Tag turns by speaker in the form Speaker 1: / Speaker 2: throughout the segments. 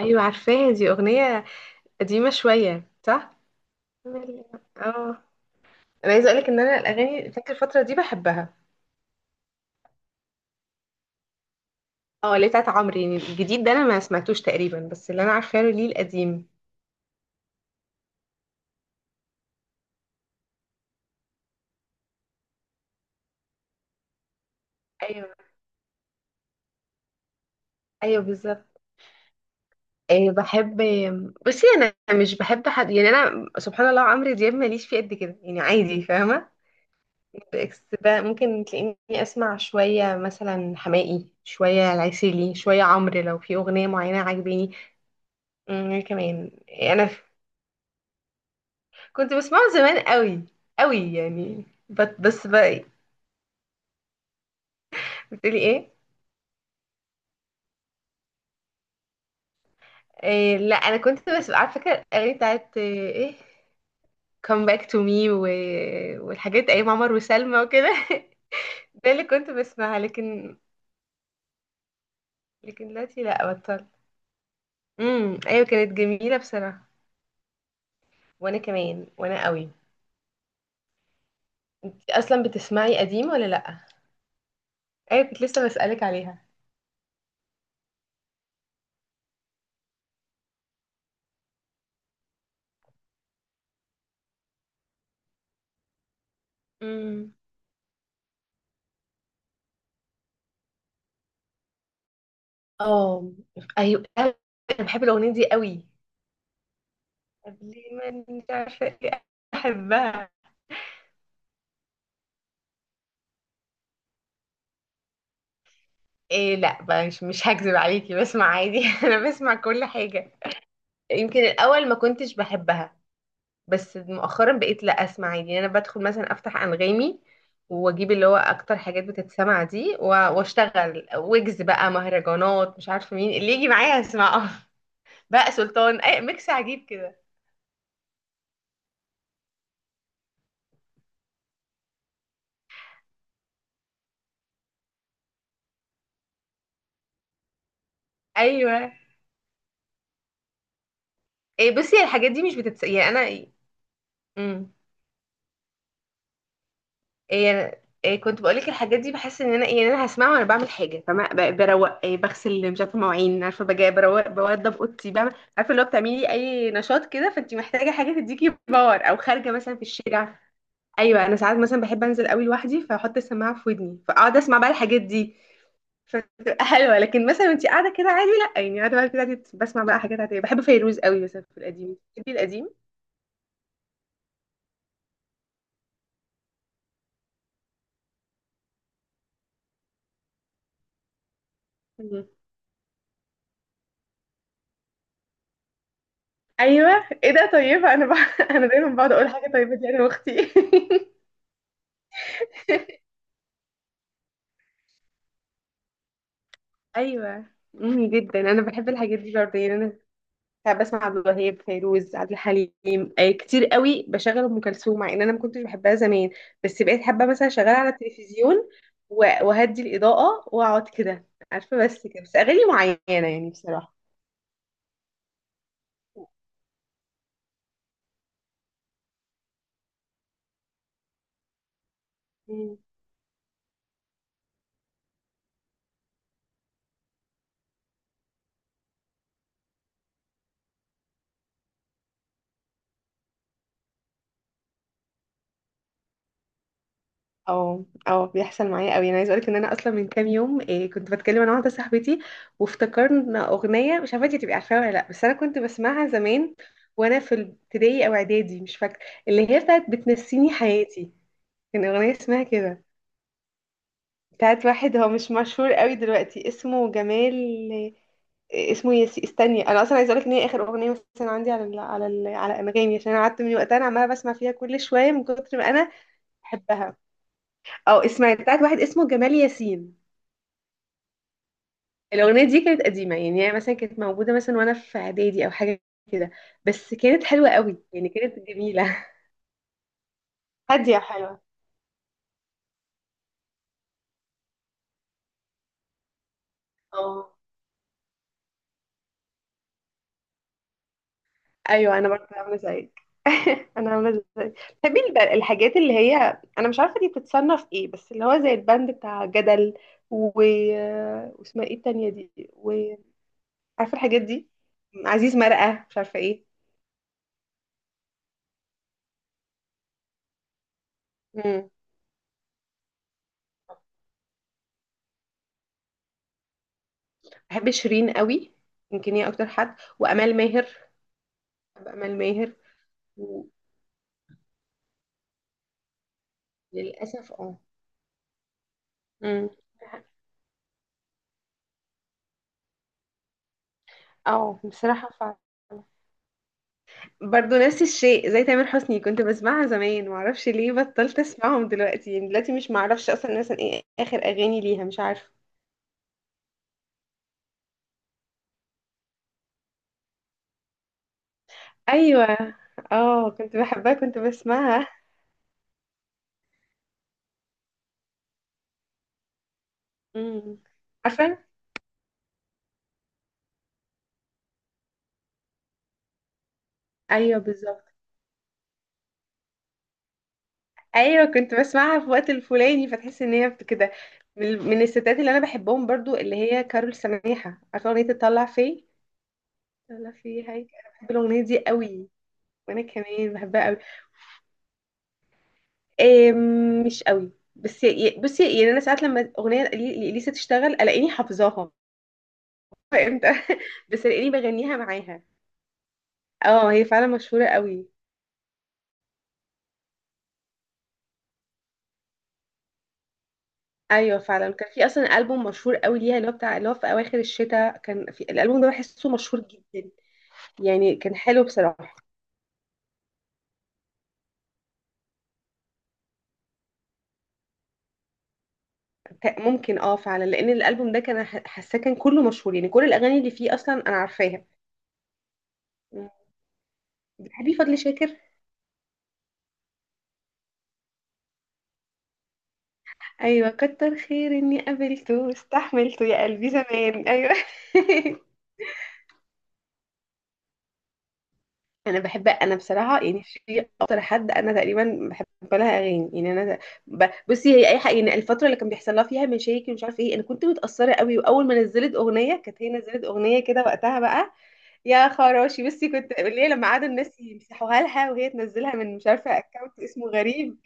Speaker 1: ايوه، عارفاها. دي اغنيه قديمه شويه، صح. مل- اه انا عايزه اقولك ان انا الاغاني فاكر الفتره دي بحبها. اه، اللي بتاعت عمرو يعني الجديد ده انا ما سمعتوش تقريبا، بس اللي انا عارفاه له ليه القديم. ايوه، ايوه، بالظبط. إيه، بحب. بصي انا مش بحب حد يعني، انا سبحان الله، عمرو دياب ماليش فيه قد كده يعني، عادي، فاهمه. بالعكس بقى ممكن تلاقيني اسمع شويه مثلا حماقي، شويه العسيلي، شويه عمرو لو في اغنيه معينه عاجباني. كمان. انا كنت بسمعه زمان قوي. قوي يعني، بس بقى إيه؟ بتقولي ايه؟ إيه، لا انا كنت بس على فكره الاغاني بتاعت ايه come back to me والحاجات ايام عمر وسلمى وكده ده اللي كنت بسمعها، لكن دلوقتي لا، بطلت. امم، ايوه كانت جميله بصراحه. وانا كمان وانا قوي. انت اصلا بتسمعي قديم ولا لا؟ ايوه، كنت لسه بسالك عليها. امم. اه ايوه، أيوة، انا بحب الاغنيه دي قوي. قبل ما انت عارفه ايه. احبها. إيه لا بقى مش هكذب عليكي، بسمع عادي انا بسمع كل حاجه. يمكن الاول ما كنتش بحبها، بس مؤخرا بقيت لا اسمع عادي يعني. انا بدخل مثلا افتح انغامي واجيب اللي هو اكتر حاجات بتتسمع دي واشتغل، ويجز بقى مهرجانات، مش عارفه مين اللي يجي معايا اسمعه بقى سلطان اي ميكس عجيب كده. ايوه. إيه، بصي الحاجات دي مش بتتس يعني انا مم. إيه كنت بقولك الحاجات دي بحس ان انا ايه، يعني انا هسمعها وانا بعمل حاجه، فما بروق، إيه، بغسل مش عارفه مواعين، عارفه بجي بروق، بوضب اوضتي، بعمل، عارفه اللي هو بتعملي اي نشاط كده فانت محتاجه حاجه تديكي باور، او خارجه مثلا في الشارع. ايوه، انا ساعات مثلا بحب انزل قوي لوحدي فاحط السماعه في ودني فاقعد اسمع بقى الحاجات دي فتبقى حلوه. لكن مثلا وانت قاعده كده عادي لا، يعني قاعده بقى كده عادي بسمع بقى حاجات عاديه. بحب فيروز قوي مثلا في القديم. بتحبي القديم. مم. ايوه. ايه ده طيبه، انا انا دايما بقعد اقول حاجه طيبه دي انا واختي ايوه. جدا انا بحب الحاجات دي برضه يعني انا ساعات بسمع عبد الوهاب، فيروز، عبد الحليم، كتير قوي بشغل ام كلثوم مع ان انا ما كنتش بحبها زمان، بس بقيت حابه مثلا اشغلها على التلفزيون وهدي الاضاءه واقعد كده. عارفه، بس كده، بس اغاني معينه يعني بصراحه. اه، اه، بيحصل معايا قوي. انا عايزه اقولك ان انا اصلا من كام يوم إيه كنت بتكلم انا واحده صاحبتي وافتكرنا اغنيه، مش عارفه انتي تبقي عارفاها ولا لا، بس انا كنت بسمعها زمان وانا في ابتدائي او اعدادي مش فاكره، اللي هي بتاعت بتنسيني حياتي. كان اغنيه اسمها كده بتاعت واحد هو مش مشهور قوي دلوقتي اسمه جمال. إيه اسمه ياسي، استني. انا اصلا عايزه اقولك ان هي اخر اغنيه مثلا عندي على ال على ال على انغامي، عشان انا قعدت من وقتها انا عماله بسمع فيها كل شويه من كتر ما انا بحبها. او اسمعي بتاعت واحد اسمه جمال ياسين. الأغنية دي كانت قديمة، يعني هي مثلا كانت موجودة مثلا وأنا في إعدادي أو حاجة كده، بس كانت حلوة قوي، يعني كانت جميلة. هادية حلوة. اه أيوه، أنا برضه عاملة زيك. انا عامله ازاي؟ بتحبي الحاجات اللي هي انا مش عارفه دي بتتصنف ايه، بس اللي هو زي البند بتاع جدل و... واسمها ايه التانية دي؟ وعارفه الحاجات دي، عزيز مرقه مش عارفه ايه. مم. بحب شيرين قوي. يمكن هي اكتر حد، وامال ماهر. بحب امال ماهر. وللاسف اه. امم، اه، بصراحة فعلا برضو نفس الشيء زي تامر حسني، كنت بسمعها زمان، معرفش ليه بطلت اسمعهم دلوقتي يعني. دلوقتي مش معرفش اصلا مثلا ايه اخر اغاني ليها، مش عارفه. ايوه. اه، كنت بحبها، كنت بسمعها. امم. عارفه. ايوه، بالظبط. ايوه كنت بسمعها في وقت الفلاني فتحس ان هي كده. من الستات اللي انا بحبهم برضو اللي هي كارول سماحه. عارفه اغنيه تطلع فيه. تطلع فيه هيك، انا بحب الاغنيه دي قوي. وانا كمان بحبها قوي. آم، مش قوي، بس بصي، يعني انا ساعات لما اغنيه لإليسا تشتغل الاقيني حافظاها، فاهمت بس الاقيني بغنيها معاها. اه هي فعلا مشهوره قوي. ايوه فعلا. كان في اصلا البوم مشهور قوي ليها اللي هو بتاع اللي هو في اواخر الشتاء، كان في الالبوم ده بحسه مشهور جدا، يعني كان حلو بصراحه. ممكن اه فعلا، لان الالبوم ده كان حاساه كان كله مشهور، يعني كل الاغاني اللي فيه اصلا انا عارفاها. مم. بتحبي فضل شاكر؟ ايوه كتر خير اني قابلته، استحملته يا قلبي زمان، ايوه انا بحب. انا بصراحه يعني في اكتر حد انا تقريبا بحب لها اغاني يعني انا بصي هي اي حاجه. يعني الفتره اللي كان بيحصل لها فيها مشاكل ومش عارف ايه انا كنت متاثره قوي، واول ما نزلت اغنيه كانت هي، نزلت اغنيه كده وقتها بقى، يا خراشي. بصي كنت اللي هي لما قعدوا الناس يمسحوها لها وهي تنزلها من مش عارفه اكونت اسمه غريب.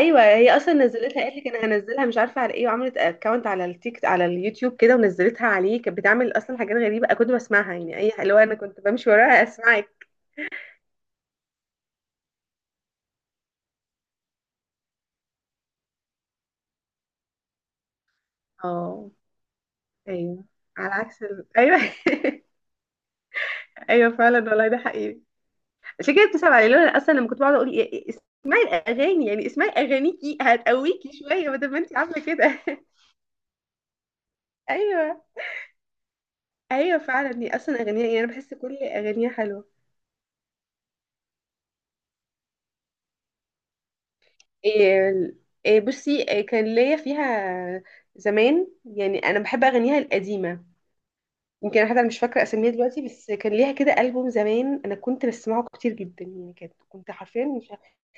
Speaker 1: ايوه هي اصلا نزلتها، قالت لك انا هنزلها مش عارفه على ايه، وعملت اكونت على التيك على اليوتيوب كده ونزلتها عليه. كانت بتعمل اصلا حاجات غريبه كنت بسمعها، يعني اي اللي هو انا كنت بمشي وراها اسمعك. اه ايوه، على عكس ايوه ايوه فعلا والله، ده حقيقي. عشان كده بتصعب علي لو انا اصلا لما كنت بقعد اقول إيه، اسمعي الاغاني يعني، اسمعي اغانيكي هتقويكي شويه بدل ما انت عامله كده ايوه، ايوه فعلا. هي اصلا اغانيها يعني انا بحس كل اغانيها حلوه. إيه إيه بصي، إيه كان ليا فيها زمان يعني. انا بحب اغانيها القديمه، يمكن انا حتى مش فاكره اسميها دلوقتي، بس كان ليها كده البوم زمان انا كنت بسمعه كتير جدا، يعني كانت، كنت حرفيا مش عارفة.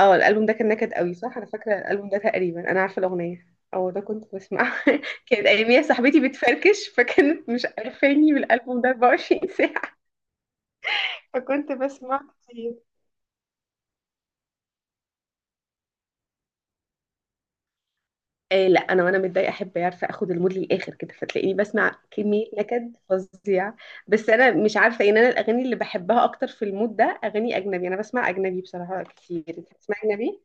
Speaker 1: اه، الالبوم ده كان نكد قوي، صح، انا فاكره الالبوم ده تقريبا، انا عارفه الاغنيه. او ده كنت بسمعه كانت اياميها صاحبتي بتفركش فكانت مش عارفاني بالالبوم ده 24 ساعه، فكنت بسمع كتير. آه، لا انا وانا متضايقه احب، عارفه اخد المود للاخر كده، فتلاقيني بسمع كميه نكد فظيع. بس انا مش عارفه ان انا الاغاني اللي بحبها اكتر في المود ده اغاني اجنبي. انا بسمع اجنبي بصراحه كتير. انت بتسمع اجنبي؟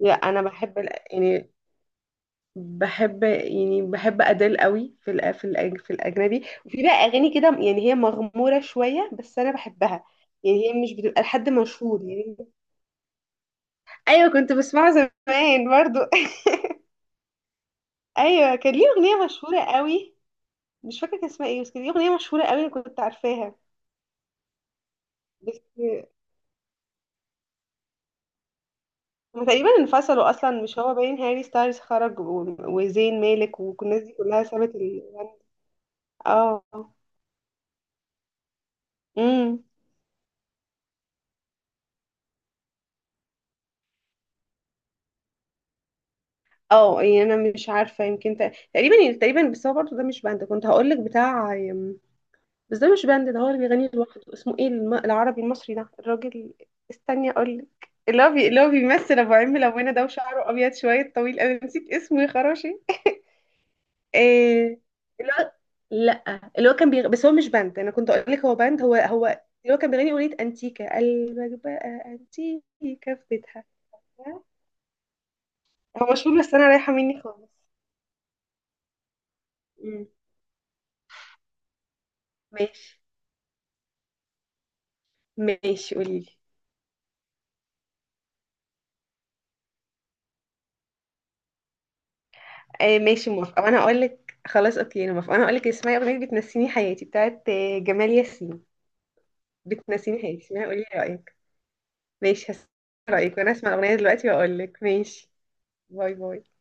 Speaker 1: لا، انا بحب يعني بحب يعني بحب ادل قوي في ال في ال في الاجنبي، وفي بقى اغاني كده يعني هي مغموره شويه بس انا بحبها. يعني هي مش بتبقى لحد مشهور يعني. ايوه كنت بسمعه زمان برضو ايوه كان ليه اغنيه مشهوره قوي، مش فاكرة كان اسمها ايه، بس كانت دي أغنية مشهورة قوي، أنا كنت عارفاها. بس هما تقريبا انفصلوا أصلا، مش هو باين هاري ستايلز خرج وزين مالك والناس دي كلها سابت ال. اه. امم. اه، يعني انا مش عارفة، يمكن تقريبا يعني تقريبا، بس هو برضه ده مش باند، كنت هقول لك بتاع. بس ده مش باند، ده هو اللي بيغني لوحده، اسمه ايه العربي المصري ده الراجل. استني اقول لك. اللي هو اللي هو بيمثل ابو عم لونه ده وشعره ابيض شوية طويل، انا نسيت اسمه يا خراشي. إيه الواد. لا اللي هو كان بس هو مش باند انا كنت اقول لك هو باند. هو اللي هو كان بيغني اغنيه انتيكا قلبك بقى انتيكا في بيتها. هو مشهور بس انا رايحه مني خالص. مم. ماشي. ماشي، قولي لي. آه ماشي، موافقه. وانا اقول لك. خلاص اوكي انا موافقه، وانا اقول لك، اسمعي اغنيه بتنسيني حياتي بتاعت جمال ياسين. بتنسيني حياتي، اسمعي قولي لي رايك. ماشي، هسمع رايك، وانا اسمع الاغنيه دلوقتي واقول لك. ماشي. باي باي.